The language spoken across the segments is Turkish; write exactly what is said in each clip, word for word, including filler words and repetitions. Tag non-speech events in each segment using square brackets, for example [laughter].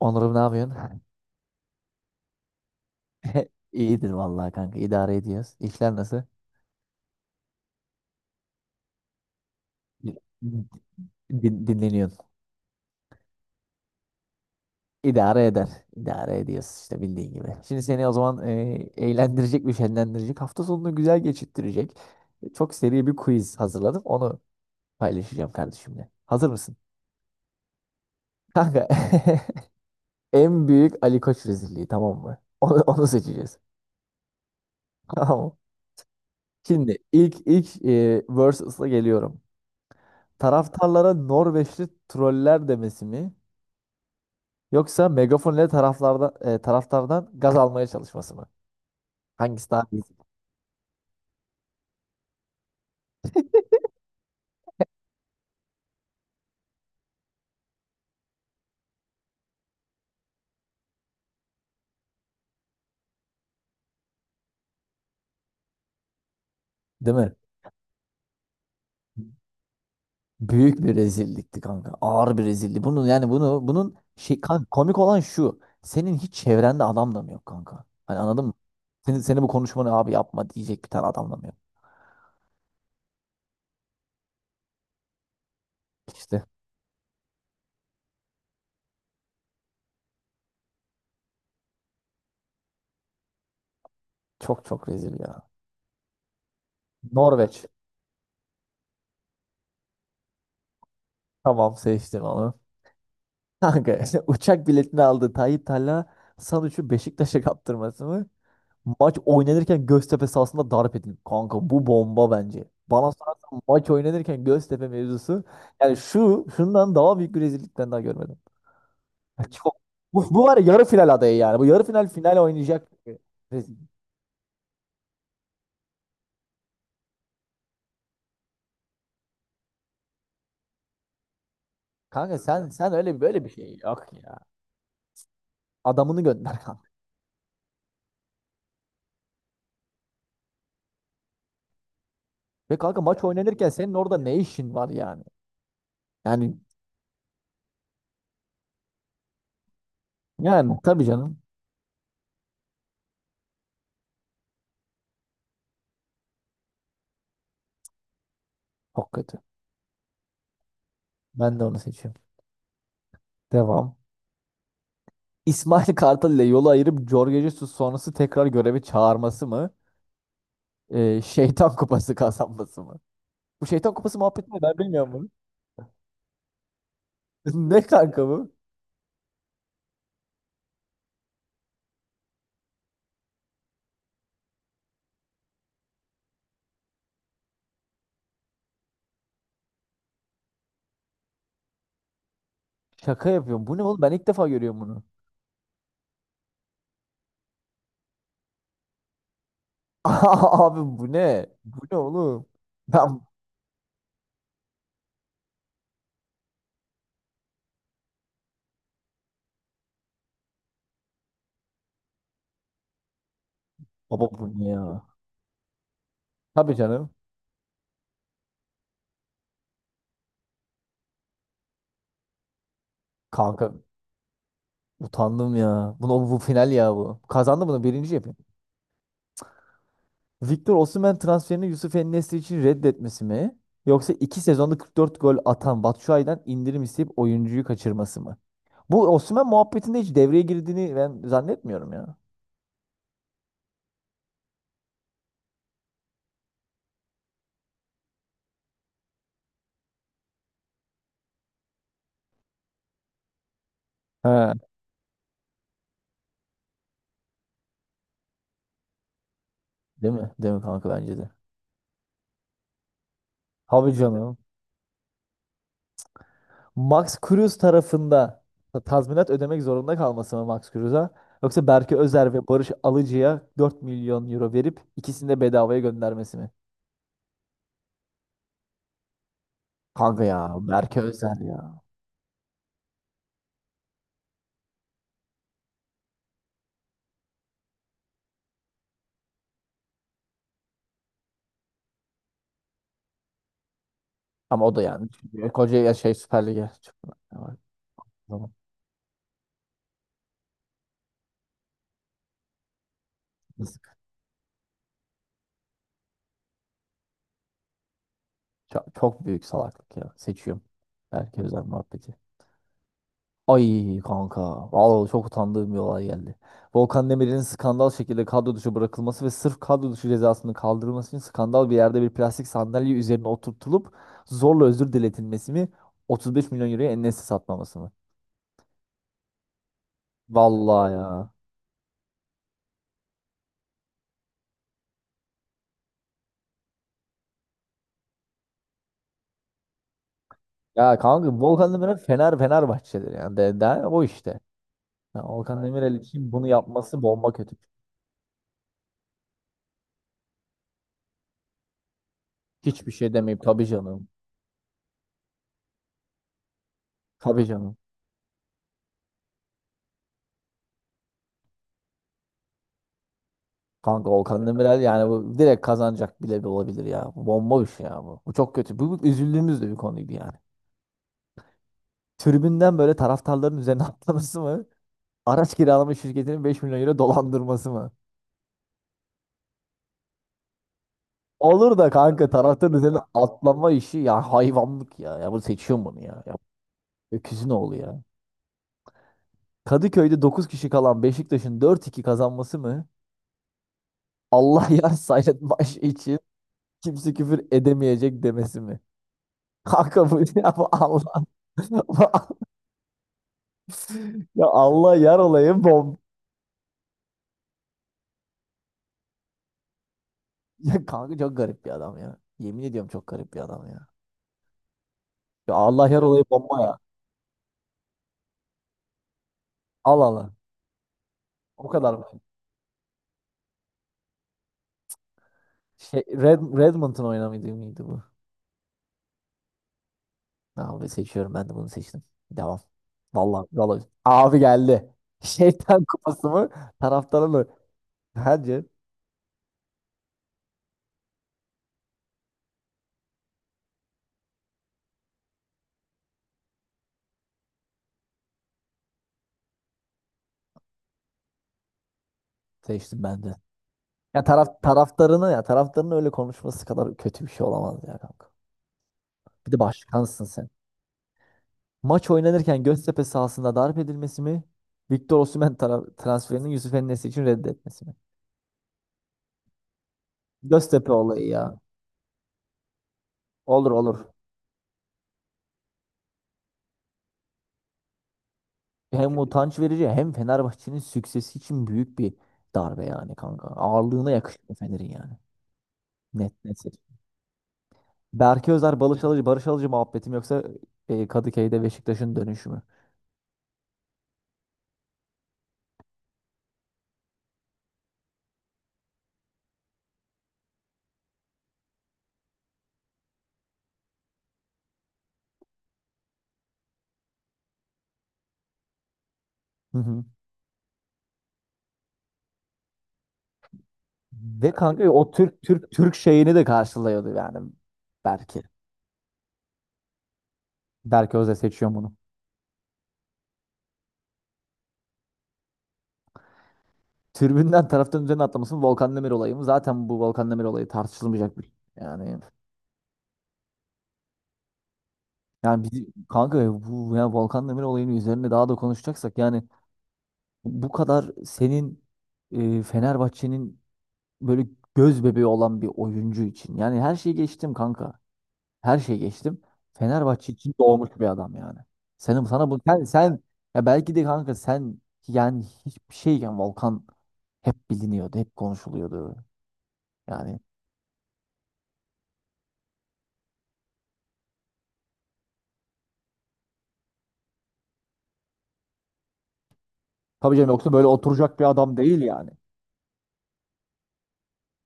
Onur'um ne yapıyorsun? [laughs] İyidir vallahi kanka, İdare ediyoruz. İşler nasıl? Din- dinleniyorsun. İdare eder. İdare ediyoruz işte bildiğin gibi. Şimdi seni o zaman e, eğlendirecek ve şenlendirecek. Hafta sonunu güzel geçirttirecek. Çok seri bir quiz hazırladım. Onu paylaşacağım kardeşimle. Hazır mısın? Kanka, [laughs] en büyük Ali Koç rezilliği, tamam mı? [laughs] Onu, onu seçeceğiz. [laughs] Tamam mı? Şimdi ilk ilk e, versus'la geliyorum. Taraftarlara Norveçli troller demesi mi? Yoksa megafon ile taraflardan, e, taraftardan gaz almaya çalışması mı? Hangisi daha iyi? Değil mi? Büyük bir rezillikti kanka. Ağır bir rezillik. Bunun yani bunu bunun şey kanka, komik olan şu. Senin hiç çevrende adam da mı yok kanka? Hani anladın mı? Senin, seni bu konuşmanı abi yapma diyecek bir tane adam da mı yok? İşte çok çok rezil ya. Norveç. Tamam, seçtim onu. Kanka, [laughs] uçak biletini aldı Tayyip Talha Sanuç'u Beşiktaş'a kaptırması mı? Maç oynanırken Göztepe sahasında darp edildi. Kanka bu bomba bence. Bana sorarsan maç oynanırken Göztepe mevzusu, yani şu şundan daha büyük bir rezillikten daha görmedim. [laughs] Ya çok- bu, bu var ya, yarı final adayı yani. Bu yarı final final oynayacak. Bir rezil. Kanka, sen sen öyle böyle bir şey yok ya. Adamını gönder, [laughs] kanka. Ve kanka, maç oynanırken senin orada ne işin var yani? Yani Yani tabii canım. Çok kötü. Ben de onu seçiyorum. Devam. İsmail Kartal ile yolu ayırıp Jorge Jesus sonrası tekrar göreve çağırması mı? Ee, şeytan kupası kazanması mı? Bu şeytan kupası muhabbeti ne? Ben bilmiyorum bunu. [laughs] Ne kanka bu? Şaka yapıyorum. Bu ne oğlum? Ben ilk defa görüyorum bunu. [laughs] Abi bu ne? Bu ne oğlum? Ben Baba bu ne ya? Tabii canım. Kanka utandım ya. Bunu, bu final ya bu. Kazandı, bunu birinci yapayım. Victor Osimhen transferini Yusuf en için reddetmesi mi? Yoksa iki sezonda kırk dört gol atan Batshuayi'den indirim isteyip oyuncuyu kaçırması mı? Bu Osimhen muhabbetinde hiç devreye girdiğini ben zannetmiyorum ya. He. Değil mi? Değil mi kanka, bence de. Abi canım. Max Cruz tarafında tazminat ödemek zorunda kalması mı Max Cruz'a? Yoksa Berke Özer ve Barış Alıcı'ya dört milyon euro verip ikisini de bedavaya göndermesi mi? Kanka ya Berke Özer ya. Ama o da yani, çünkü koca ya şey Süper Lig'e çıkıyor. Çok, çok büyük salaklık ya. Seçiyorum. Berke Özer muhabbeti. Ay kanka. Vallahi çok utandığım bir olay geldi. Volkan Demirel'in skandal şekilde kadro dışı bırakılması ve sırf kadro dışı cezasının kaldırılması için skandal bir yerde bir plastik sandalye üzerine oturtulup zorla özür diletilmesi mi? otuz beş milyon euroya en satmaması mı? Vallahi ya. Ya kanka, Volkan Demirel Fener Fenerbahçe'dir yani. De, de, o işte. Ya Volkan Aynen Demirel için bunu yapması bomba kötü. Hiçbir şey demeyip tabii canım. Tabii canım. Kanka Volkan Demirel yani bu direkt kazanacak bile bir olabilir ya. Bu bomba bir şey ya bu. Bu çok kötü. Bu, bu üzüldüğümüz de bir konuydu yani. Tribünden böyle taraftarların üzerine [laughs] atlaması mı? Araç kiralama şirketinin beş milyon euro dolandırması mı? Olur da kanka taraftarın üzerine atlama işi ya, hayvanlık ya. Ya bunu seçiyorum, bunu ya. Ya öküzün oğlu ya. Kadıköy'de dokuz kişi kalan Beşiktaş'ın dört iki kazanması mı? Allah [laughs] yar Sayret Baş için kimse küfür edemeyecek demesi mi? Kanka bu, [laughs] ya bu Allah. [laughs] Ya Allah yar olayım bom. Ya kanka çok garip bir adam ya. Yemin ediyorum, çok garip bir adam ya. Ya Allah yar olayım bomba ya. Al al. O kadar mı? Şey, Red, Redmond'un oynamaydı mıydı bu? Tamam, ben seçiyorum, ben de bunu seçtim. Devam. Vallahi vallahi. Abi geldi. [laughs] Şeytan kupası mı? Taraftarı mı? Bence seçtim ben de. Ya taraf taraftarını ya taraftarının öyle konuşması kadar kötü bir şey olamaz ya kanka. Bir de başkansın sen. Maç oynanırken Göztepe sahasında darp edilmesi mi? Victor Osimhen tara- transferinin Yusuf Enes için reddetmesi mi? Göztepe olayı ya. Olur olur. Hem utanç verici hem Fenerbahçe'nin süksesi için büyük bir darbe yani kanka. Ağırlığına yakışıyor Fener'in yani. Net net. Berke Özer, Barış Alıcı, Barış Alıcı muhabbetim yoksa e, Kadıköy'de Beşiktaş'ın dönüşü mü? Hı hı. Ve kanka, o Türk Türk Türk şeyini de karşılıyordu yani Berke. Berke Özer seçiyor bunu. Tribünden taraftarın üzerine atlamasının Volkan Demir olayı mı? Zaten bu Volkan Demir olayı tartışılmayacak bir yani. Yani bizi, kanka ya bu ya Volkan Demir olayının üzerine daha da konuşacaksak yani, bu kadar senin, e, Fenerbahçe'nin böyle göz bebeği olan bir oyuncu için. Yani her şeyi geçtim kanka. Her şeyi geçtim. Fenerbahçe için doğmuş bir adam yani. Senin sana bu sen, sen Ya belki de kanka sen, yani hiçbir şeyken Volkan hep biliniyordu, hep konuşuluyordu. Yani tabii canım, yoksa böyle oturacak bir adam değil yani.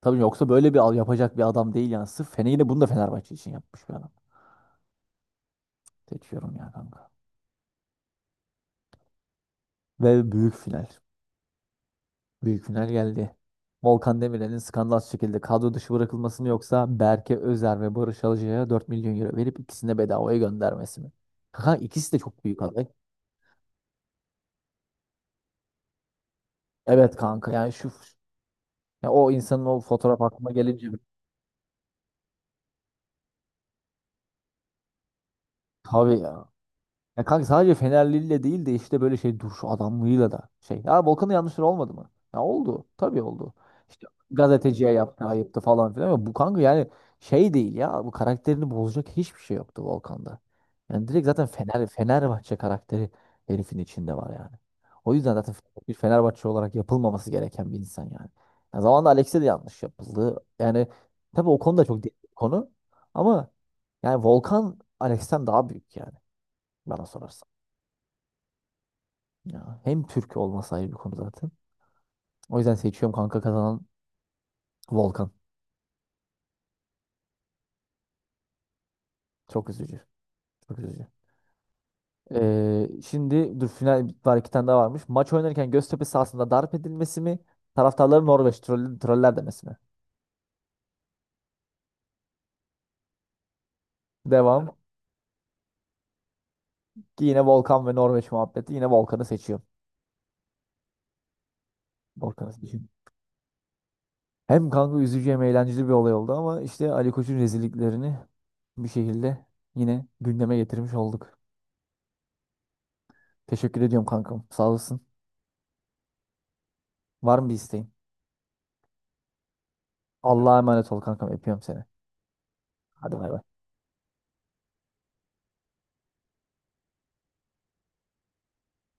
Tabii yoksa böyle bir al yapacak bir adam değil yani. Sırf Fene, yine bunu da Fenerbahçe için yapmış bir adam. Seçiyorum ya kanka. Ve büyük final. Büyük final geldi. Volkan Demirel'in skandal şekilde kadro dışı bırakılması mı yoksa Berke Özer ve Barış Alcay'a dört milyon euro verip ikisini de bedavaya göndermesi mi? Kanka ikisi de çok büyük aday. Evet kanka, yani şu, ya o insanın o fotoğraf aklıma gelince tabii ya. Ya kanka sadece Fenerliyle değil de işte böyle şey, duruş adamlığıyla da şey. Ya Volkan'ın yanlışları olmadı mı? Ya oldu. Tabii oldu. İşte gazeteciye yaptı, ayıptı falan filan. Ama bu kanka yani şey değil ya. Bu karakterini bozacak hiçbir şey yoktu Volkan'da. Yani direkt zaten Fener, Fenerbahçe karakteri herifin içinde var yani. O yüzden zaten bir Fenerbahçe olarak yapılmaması gereken bir insan yani. Ya zamanında Alex'e de yanlış yapıldı. Yani tabii o konu da çok derin bir konu. Ama yani Volkan Alex'ten daha büyük yani, bana sorarsan. Ya, hem Türk olması ayrı bir konu zaten. O yüzden seçiyorum kanka, kazanan Volkan. Çok üzücü. Çok üzücü. Ee, şimdi dur, final var, iki tane daha varmış. Maç oynarken Göztepe sahasında darp edilmesi mi? Taraftarları Norveç troll, troller demesi mi? Devam. Ki yine Volkan ve Norveç muhabbeti. Yine Volkan'ı seçiyorum. Volkan'ı seçiyorum. Hem kanka üzücü hem eğlenceli bir olay oldu ama işte Ali Koç'un rezilliklerini bir şekilde yine gündeme getirmiş olduk. Teşekkür ediyorum kankam. Sağ olasın. Var mı bir isteğin? Allah'a emanet ol kankam. Öpüyorum seni. Hadi bay bay.